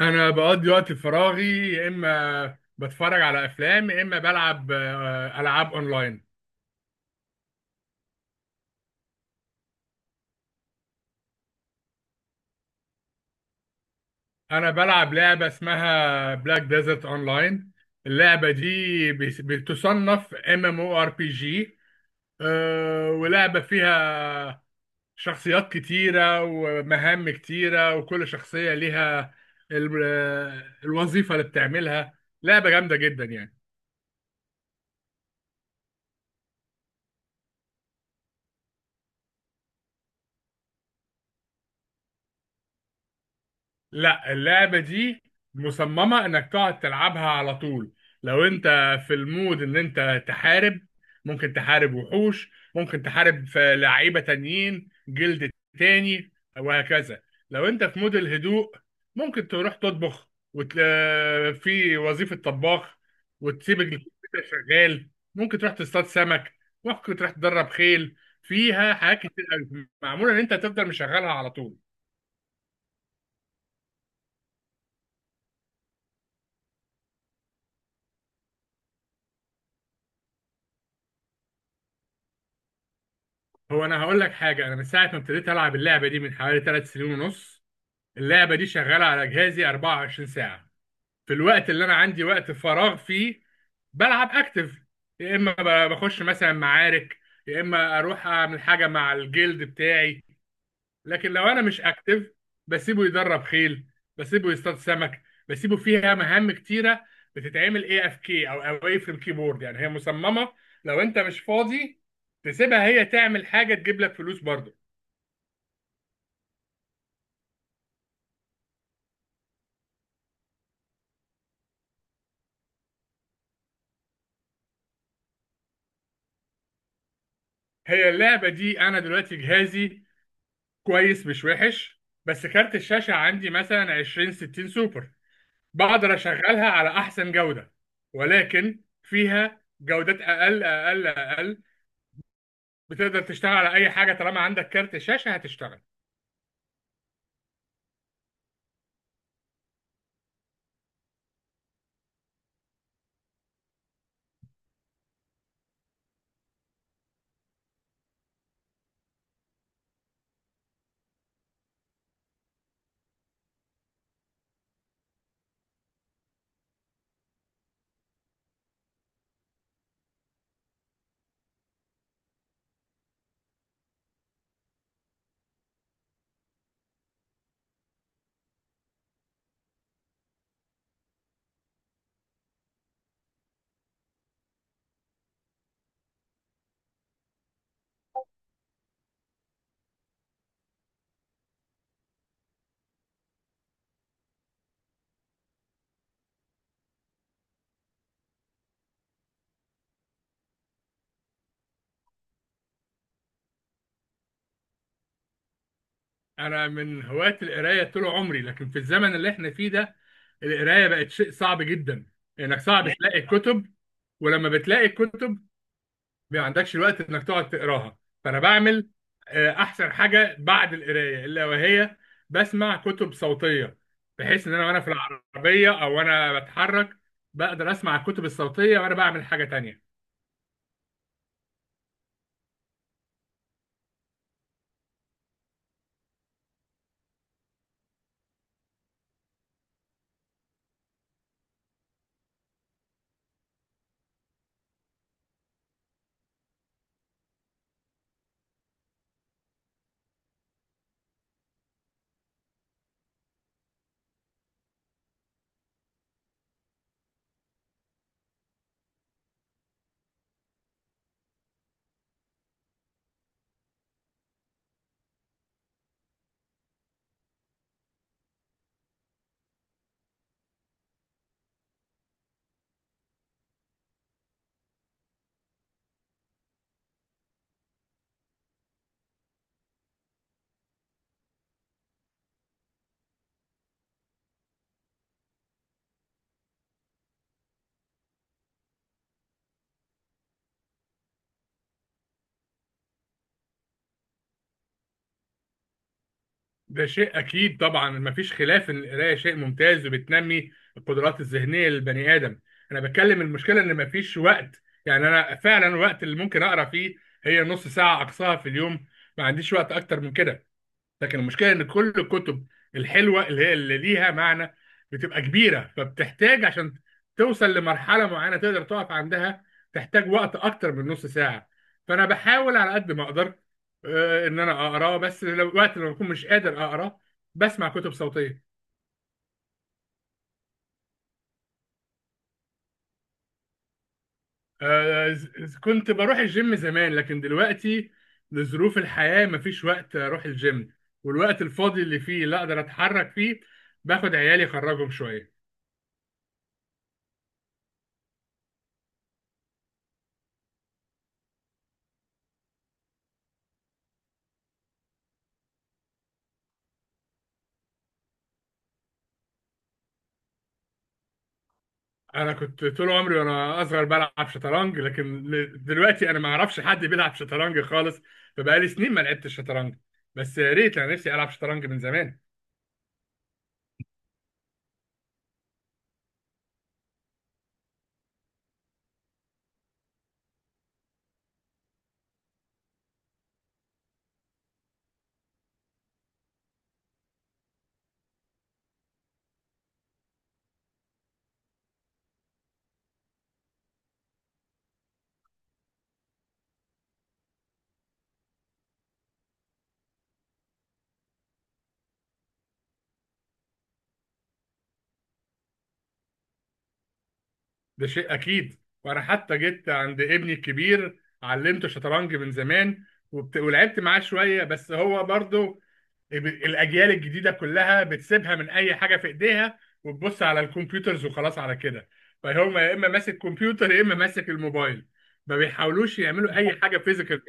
انا بقضي وقت فراغي يا اما بتفرج على افلام، يا اما بلعب العاب اونلاين. انا بلعب لعبه اسمها بلاك ديزرت اونلاين. اللعبه دي بتصنف ام ام او ار بي جي، ولعبه فيها شخصيات كتيره ومهام كتيره، وكل شخصيه ليها الوظيفه اللي بتعملها. لعبه جامده جدا يعني. لا، اللعبة دي مصممة انك تقعد تلعبها على طول. لو انت في المود ان انت تحارب، ممكن تحارب وحوش، ممكن تحارب في لعيبة تانيين جلد تاني، وهكذا. لو انت في مود الهدوء، ممكن تروح تطبخ في وظيفة طباخ، وتسيب الكمبيوتر شغال. ممكن تروح تصطاد سمك، ممكن تروح تدرب خيل. فيها حاجات كتير أوي. معمولة ان انت تفضل مشغلها على طول. هو انا هقول لك حاجه، انا من ساعه ما ابتديت العب اللعبه دي من حوالي 3 سنين ونص، اللعبه دي شغاله على جهازي 24 ساعه. في الوقت اللي انا عندي وقت فراغ فيه بلعب اكتف، يا اما بخش مثلا معارك، يا اما اروح اعمل حاجه مع الجلد بتاعي. لكن لو انا مش اكتف، بسيبه يدرب خيل، بسيبه يصطاد سمك، بسيبه فيها مهام كتيره بتتعمل اي اف كي او اواي فروم كيبورد. يعني هي مصممه لو انت مش فاضي تسيبها هي تعمل حاجه تجيب لك فلوس برضه. هي اللعبة دي أنا دلوقتي جهازي كويس مش وحش، بس كارت الشاشة عندي مثلا 20 60 سوبر، بقدر أشغلها على أحسن جودة. ولكن فيها جودات أقل أقل أقل، بتقدر تشتغل على أي حاجة، طالما عندك كارت شاشة هتشتغل. أنا من هواة القراية طول عمري، لكن في الزمن اللي إحنا فيه ده القراية بقت شيء صعب جدا. إنك صعب تلاقي كتب، ولما بتلاقي كتب ما عندكش الوقت انك تقعد تقراها. فانا بعمل احسن حاجه بعد القرايه الا وهي بسمع كتب صوتيه، بحيث ان انا وانا في العربيه، او وانا بتحرك، بقدر اسمع الكتب الصوتيه وانا بعمل حاجه تانية. ده شيء اكيد طبعا، مفيش خلاف ان القرايه شيء ممتاز وبتنمي القدرات الذهنيه للبني ادم. انا بتكلم المشكله ان مفيش وقت. يعني انا فعلا الوقت اللي ممكن اقرا فيه هي نص ساعه اقصاها في اليوم، ما عنديش وقت اكتر من كده. لكن المشكله ان كل الكتب الحلوه اللي هي اللي ليها معنى بتبقى كبيره، فبتحتاج عشان توصل لمرحله معينه تقدر تقف عندها، تحتاج وقت اكتر من نص ساعه. فانا بحاول على قد ما اقدر ان انا اقرا، بس لو وقت لما بكون مش قادر اقرا بسمع كتب صوتيه. كنت بروح الجيم زمان، لكن دلوقتي لظروف الحياه مفيش وقت اروح الجيم. والوقت الفاضي اللي فيه لا اقدر اتحرك فيه، باخد عيالي اخرجهم شويه. انا كنت طول عمري وانا اصغر بلعب شطرنج، لكن دلوقتي انا ما اعرفش حد بيلعب شطرنج خالص. فبقالي سنين ما لعبتش شطرنج، بس يا ريت انا نفسي العب شطرنج من زمان. ده شيء اكيد، وانا حتى جيت عند ابني الكبير علمته شطرنج من زمان، ولعبت معاه شويه، بس هو برضو الاجيال الجديده كلها بتسيبها من اي حاجه في ايديها وتبص على الكمبيوترز، وخلاص على كده. فهم يا اما ماسك كمبيوتر، يا اما ماسك الموبايل، ما بيحاولوش يعملوا اي حاجه فيزيكال.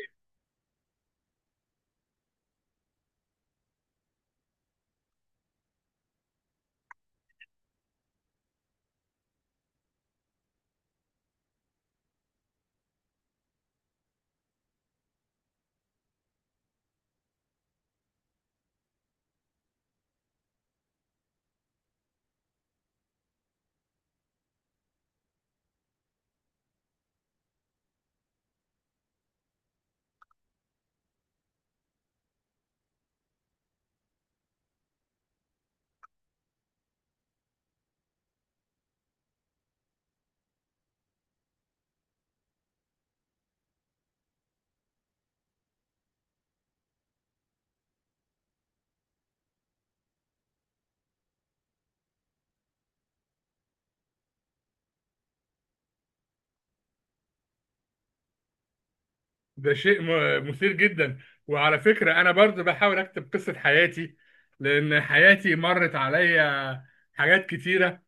ده شيء مثير جدا. وعلى فكرة أنا برضو بحاول أكتب قصة حياتي، لأن حياتي مرت عليا حاجات كتيرة.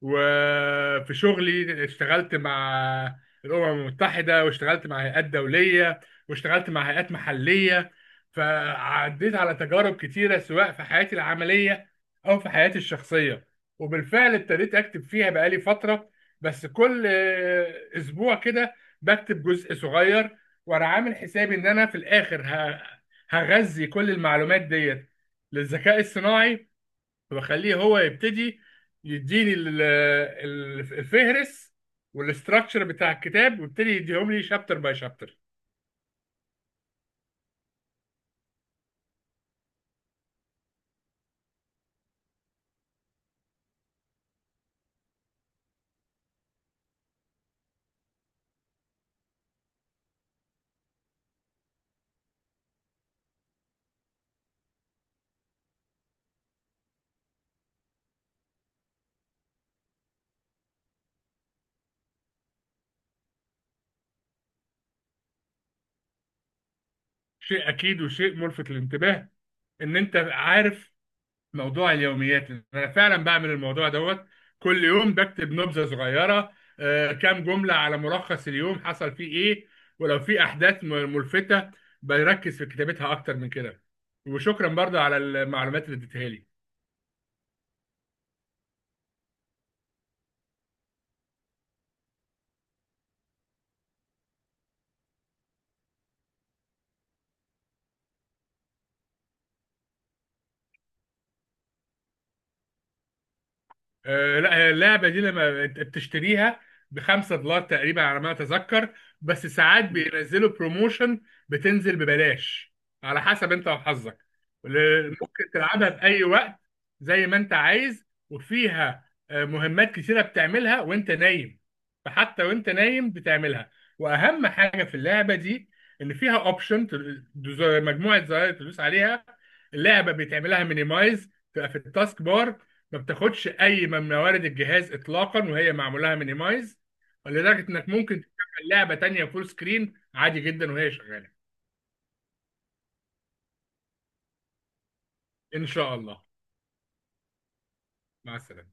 وفي شغلي اشتغلت مع الأمم المتحدة، واشتغلت مع هيئات دولية، واشتغلت مع هيئات محلية، فعديت على تجارب كتيرة سواء في حياتي العملية أو في حياتي الشخصية. وبالفعل ابتديت أكتب فيها بقالي فترة، بس كل أسبوع كده بكتب جزء صغير. وانا عامل حسابي ان انا في الاخر هغذي كل المعلومات ديت للذكاء الصناعي، واخليه هو يبتدي يديني الفهرس والاستراكشر بتاع الكتاب، ويبتدي يديهم لي شابتر باي شابتر. شيء اكيد وشيء ملفت للانتباه ان انت عارف موضوع اليوميات، انا فعلا بعمل الموضوع دوت، كل يوم بكتب نبذه صغيره، كام جمله على ملخص اليوم حصل فيه ايه. ولو في احداث ملفته بركز في كتابتها اكتر من كده. وشكرا برضه على المعلومات اللي اديتها لي. لا، هي اللعبه دي لما انت بتشتريها بـ 5 دولار تقريبا على ما اتذكر، بس ساعات بينزلوا بروموشن بتنزل ببلاش، على حسب انت وحظك. ممكن تلعبها في اي وقت زي ما انت عايز، وفيها مهمات كتيره بتعملها وانت نايم، فحتى وانت نايم بتعملها. واهم حاجه في اللعبه دي ان فيها اوبشن، مجموعه زراير تدوس عليها، اللعبه بتعملها مينيمايز، تبقى في التاسك بار، ما بتاخدش اي من موارد الجهاز اطلاقا وهي معمولها مينيمايز، ولدرجه انك ممكن تشغل لعبه تانية فول سكرين عادي جدا وهي شغاله. ان شاء الله. مع السلامه.